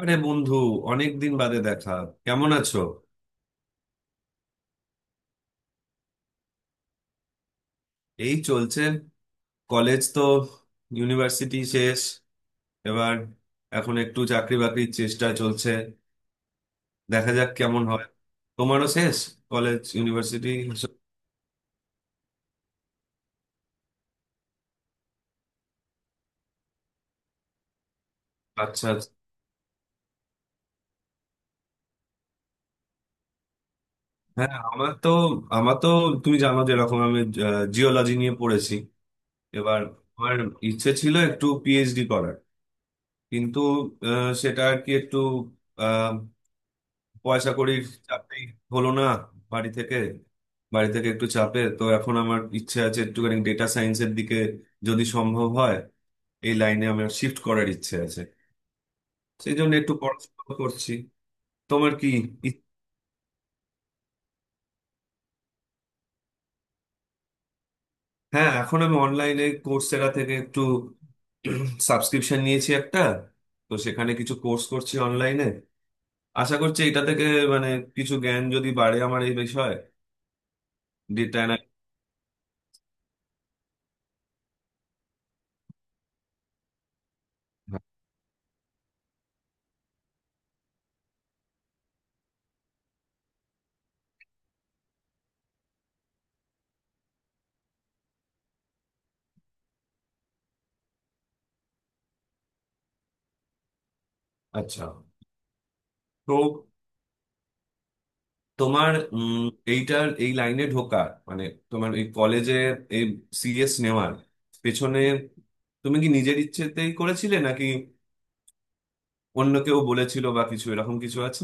আরে বন্ধু! অনেক দিন বাদে দেখা। কেমন আছো? এই চলছে। কলেজ তো, ইউনিভার্সিটি শেষ এবার। এখন একটু চাকরি বাকরির চেষ্টা চলছে। দেখা যাক কেমন হয়। তোমারও শেষ কলেজ ইউনিভার্সিটি? আচ্ছা আচ্ছা। হ্যাঁ, আমার তো তুমি জানো যেরকম আমি জিওলজি নিয়ে পড়েছি। এবার আমার ইচ্ছে ছিল একটু পিএইচডি করার, কিন্তু সেটা আর কি একটু পয়সা কড়ির চাপেই হলো না। বাড়ি থেকে বাড়ি থেকে একটু চাপে, তো এখন আমার ইচ্ছে আছে একটুখানি ডেটা সায়েন্সের দিকে, যদি সম্ভব হয় এই লাইনে আমার শিফট করার ইচ্ছে আছে। সেই জন্য একটু পড়াশোনা করছি। তোমার কি? ই- হ্যাঁ, এখন আমি অনলাইনে কোর্সেরা থেকে একটু সাবস্ক্রিপশন নিয়েছি একটা। তো সেখানে কিছু কোর্স করছি অনলাইনে। আশা করছি এটা থেকে মানে কিছু জ্ঞান যদি বাড়ে আমার এই বিষয়ে। ডেটা। আচ্ছা, তো তোমার এইটার, এই লাইনে ঢোকার, মানে তোমার এই কলেজে এই সিএস নেওয়ার পেছনে তুমি কি নিজের ইচ্ছেতেই করেছিলে নাকি অন্য কেউ বলেছিল বা কিছু, এরকম কিছু আছে?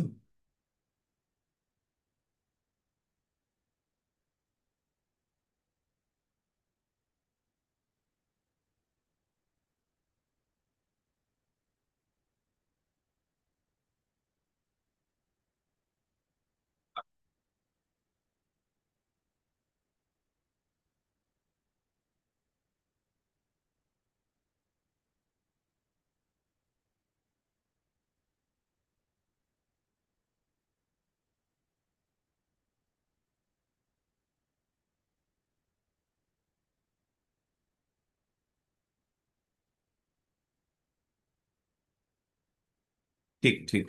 ঠিক ঠিক।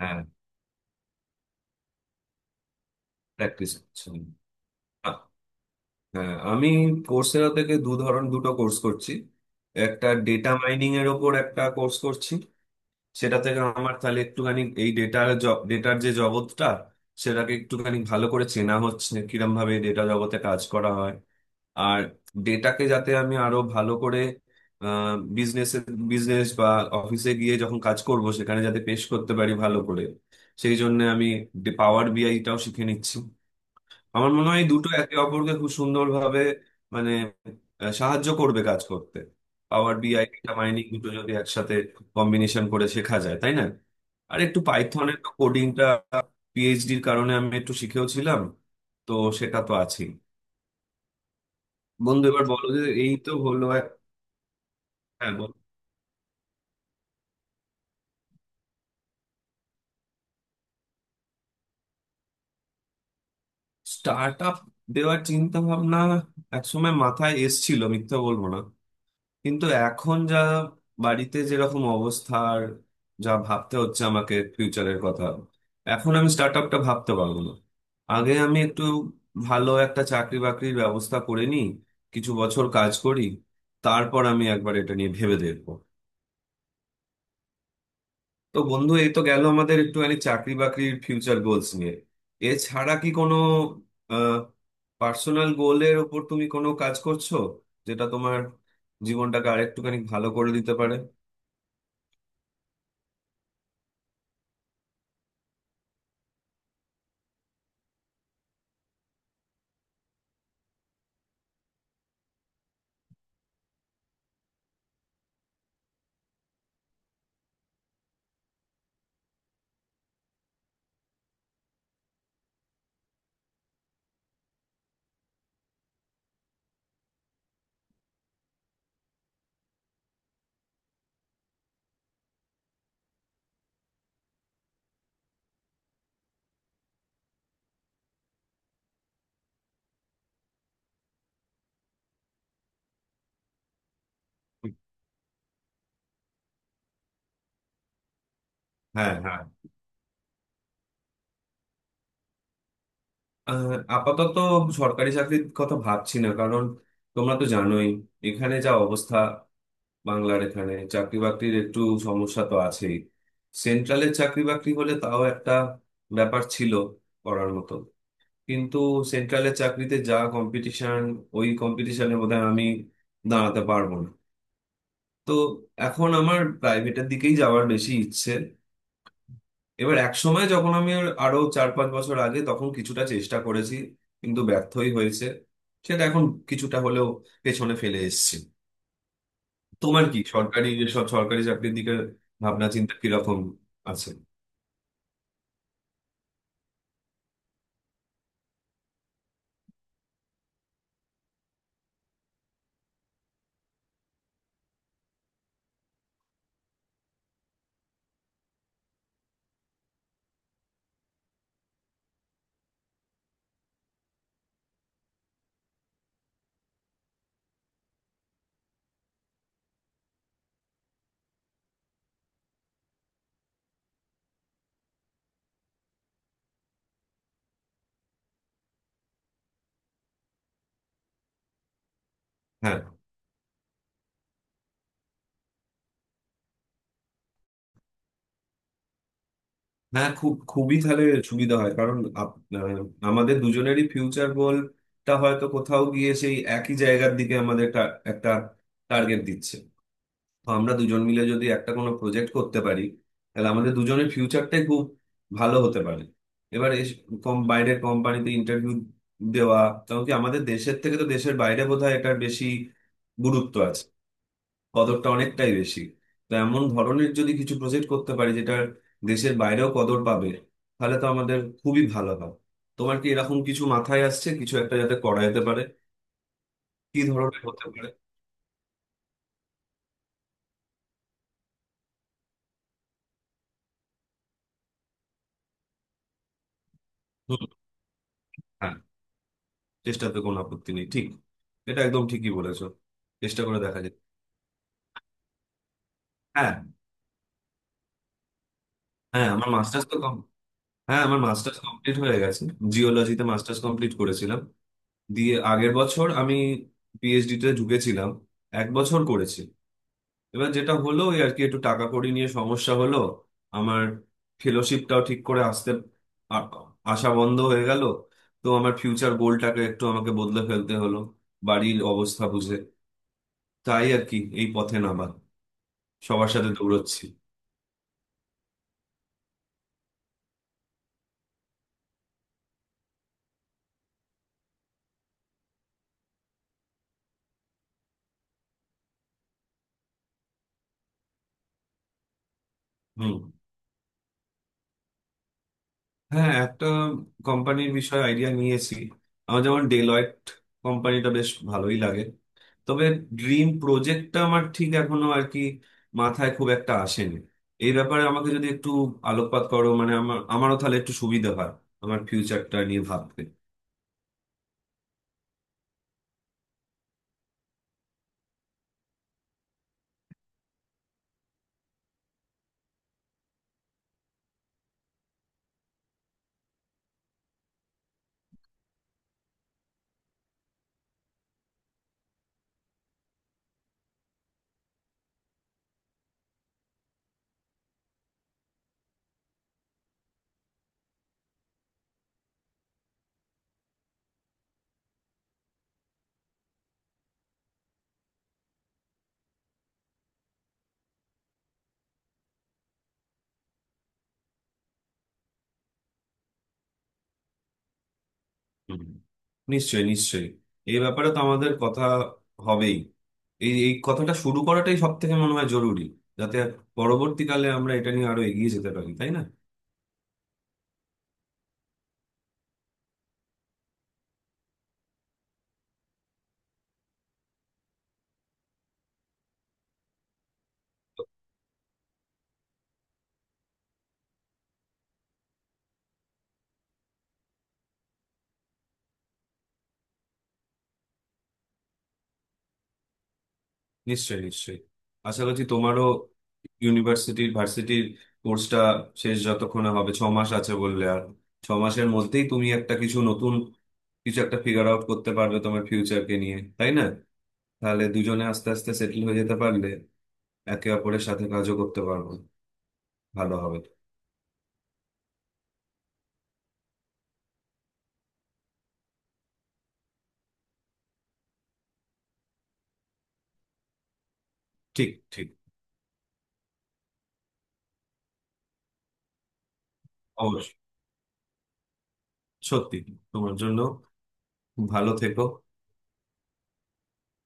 হ্যাঁ, প্র্যাকটিস করছি। আ- হ্যাঁ, আমি কোর্সেরা থেকে দু ধরন দুটো কোর্স করছি। একটা ডেটা মাইনিং এর ওপর একটা কোর্স করছি। সেটা থেকে আমার তাহলে একটুখানি এই ডেটার ডেটার যে জগৎটা, সেটাকে একটুখানি ভালো করে চেনা হচ্ছে কিরম ভাবে ডেটা জগতে কাজ করা হয়। আর ডেটাকে যাতে আমি আরো ভালো করে বিজনেসে বিজনেস বা অফিসে গিয়ে যখন কাজ করব সেখানে যাতে পেশ করতে পারি ভালো করে, সেই জন্য আমি পাওয়ার বিআইটাও শিখে নিচ্ছি। আমার মনে হয় এই দুটো একে অপরকে খুব সুন্দরভাবে, মানে সাহায্য করবে কাজ করতে। পাওয়ার বিআই, ডেটা মাইনিং দুটো যদি একসাথে কম্বিনেশন করে শেখা যায়, তাই না? আর একটু পাইথনের কোডিংটা পিএইচডির কারণে আমি একটু শিখেও ছিলাম, তো সেটা তো আছেই। বন্ধু এবার বলো, যে এই তো হলো। হ্যাঁ, বল। স্টার্ট আপ দেওয়ার চিন্তা ভাবনা একসময় মাথায় এসছিল, মিথ্যা বলবো না। কিন্তু এখন যা বাড়িতে যেরকম অবস্থা, আর যা ভাবতে হচ্ছে আমাকে ফিউচারের কথা, এখন আমি স্টার্ট আপটা ভাবতে পারবো না। আগে আমি একটু ভালো একটা চাকরি বাকরির ব্যবস্থা করে নিই, কিছু বছর কাজ করি, তারপর আমি একবার এটা নিয়ে ভেবে দেখবো। তো বন্ধু, এই তো গেল আমাদের একটুখানি চাকরি বাকরির ফিউচার গোলস নিয়ে। এছাড়া কি কোনো পার্সোনাল গোলের ওপর তুমি কোনো কাজ করছো যেটা তোমার জীবনটাকে আরেকটুখানি ভালো করে দিতে পারে? হ্যাঁ, হ্যাঁ। আহ, আপাতত সরকারি চাকরির কথা ভাবছি না, কারণ তোমরা তো জানোই এখানে যা অবস্থা। বাংলার এখানে চাকরি বাকরির একটু সমস্যা তো আছেই। সেন্ট্রালের চাকরি বাকরি হলে তাও একটা ব্যাপার ছিল করার মতো, কিন্তু সেন্ট্রালের চাকরিতে যা কম্পিটিশন, ওই কম্পিটিশনের মধ্যে আমি দাঁড়াতে পারবো না। তো এখন আমার প্রাইভেটের দিকেই যাওয়ার বেশি ইচ্ছে। এবার এক সময়, যখন আমি আরো 4-5 বছর আগে, তখন কিছুটা চেষ্টা করেছি, কিন্তু ব্যর্থই হয়েছে। সেটা এখন কিছুটা হলেও পেছনে ফেলে এসেছি। তোমার কি সরকারি, এসব সরকারি চাকরির দিকে ভাবনা চিন্তা কিরকম আছে? হ্যাঁ, হ্যাঁ, খুব খুবই তাহলে সুবিধা হয়, কারণ আমাদের দুজনেরই ফিউচার গোলটা হয়তো কোথাও গিয়ে সেই একই জায়গার দিকে আমাদের একটা টার্গেট দিচ্ছে। তো আমরা দুজন মিলে যদি একটা কোনো প্রজেক্ট করতে পারি তাহলে আমাদের দুজনের ফিউচারটাই খুব ভালো হতে পারে। এবার কম বাইরের কোম্পানিতে ইন্টারভিউ দেওয়া, কারণ কি আমাদের দেশের থেকে তো দেশের বাইরে বোধহয় এটার বেশি গুরুত্ব আছে, কদরটা অনেকটাই বেশি। তো এমন ধরনের যদি কিছু প্রজেক্ট করতে পারি যেটা দেশের বাইরেও কদর পাবে, তাহলে তো আমাদের খুবই ভালো হয়। তোমার কি এরকম কিছু মাথায় আসছে, কিছু একটা যাতে করা যেতে পারে? কি ধরনের হতে পারে? হুম। হ্যাঁ, চেষ্টাতে কোনো আপত্তি নেই, ঠিক। এটা একদম ঠিকই বলেছো। চেষ্টা করে দেখা যায়। হ্যাঁ। হ্যাঁ, আমার মাস্টার্স তো কম। হ্যাঁ, আমার মাস্টার্স কমপ্লিট হয়ে গেছে। জিওলজিতে মাস্টার্স কমপ্লিট করেছিলাম। দিয়ে আগের বছর আমি পিএইচডিতে ঢুকেছিলাম। 1 বছর করেছি। এবার যেটা হলো, ওই আর কি একটু টাকা কড়ি নিয়ে সমস্যা হলো। আমার ফেলোশিপটাও ঠিক করে আসতে, আ- আসা বন্ধ হয়ে গেল। তো আমার ফিউচার গোলটাকে একটু আমাকে বদলে ফেলতে হলো বাড়ির অবস্থা বুঝে। তাই আর কি এই পথে নামা। সবার সাথে দৌড়চ্ছি। হুম। হ্যাঁ, একটা কোম্পানির বিষয়ে আইডিয়া নিয়েছি। আমার যেমন ডেলয়েট কোম্পানিটা বেশ ভালোই লাগে। তবে ড্রিম প্রজেক্টটা আমার ঠিক এখনো আর কি মাথায় খুব একটা আসেনি। এই ব্যাপারে আমাকে যদি একটু আলোকপাত করো, মানে আমারও তাহলে একটু সুবিধা হয় আমার ফিউচারটা নিয়ে ভাবতে। হুম। নিশ্চয়ই, নিশ্চয়ই। এই ব্যাপারে তো আমাদের কথা হবেই। এই এই কথাটা শুরু করাটাই সব থেকে মনে হয় জরুরি, যাতে পরবর্তীকালে আমরা এটা নিয়ে আরো এগিয়ে যেতে পারি, তাই না? নিশ্চয়ই, নিশ্চয়ই। আশা করছি তোমারও ভার্সিটির কোর্সটা শেষ যতক্ষণে হবে, 6 মাস আছে বললে, আর 6 মাসের মধ্যেই তুমি একটা কিছু নতুন, কিছু একটা ফিগার আউট করতে পারবে তোমার ফিউচারকে নিয়ে, তাই না? তাহলে দুজনে আস্তে আস্তে সেটেল হয়ে যেতে পারলে একে অপরের সাথে কাজও করতে পারবো। ভালো হবে। ঠিক, ঠিক। অবশ্যই, সত্যি। তোমার জন্য ভালো থেকো।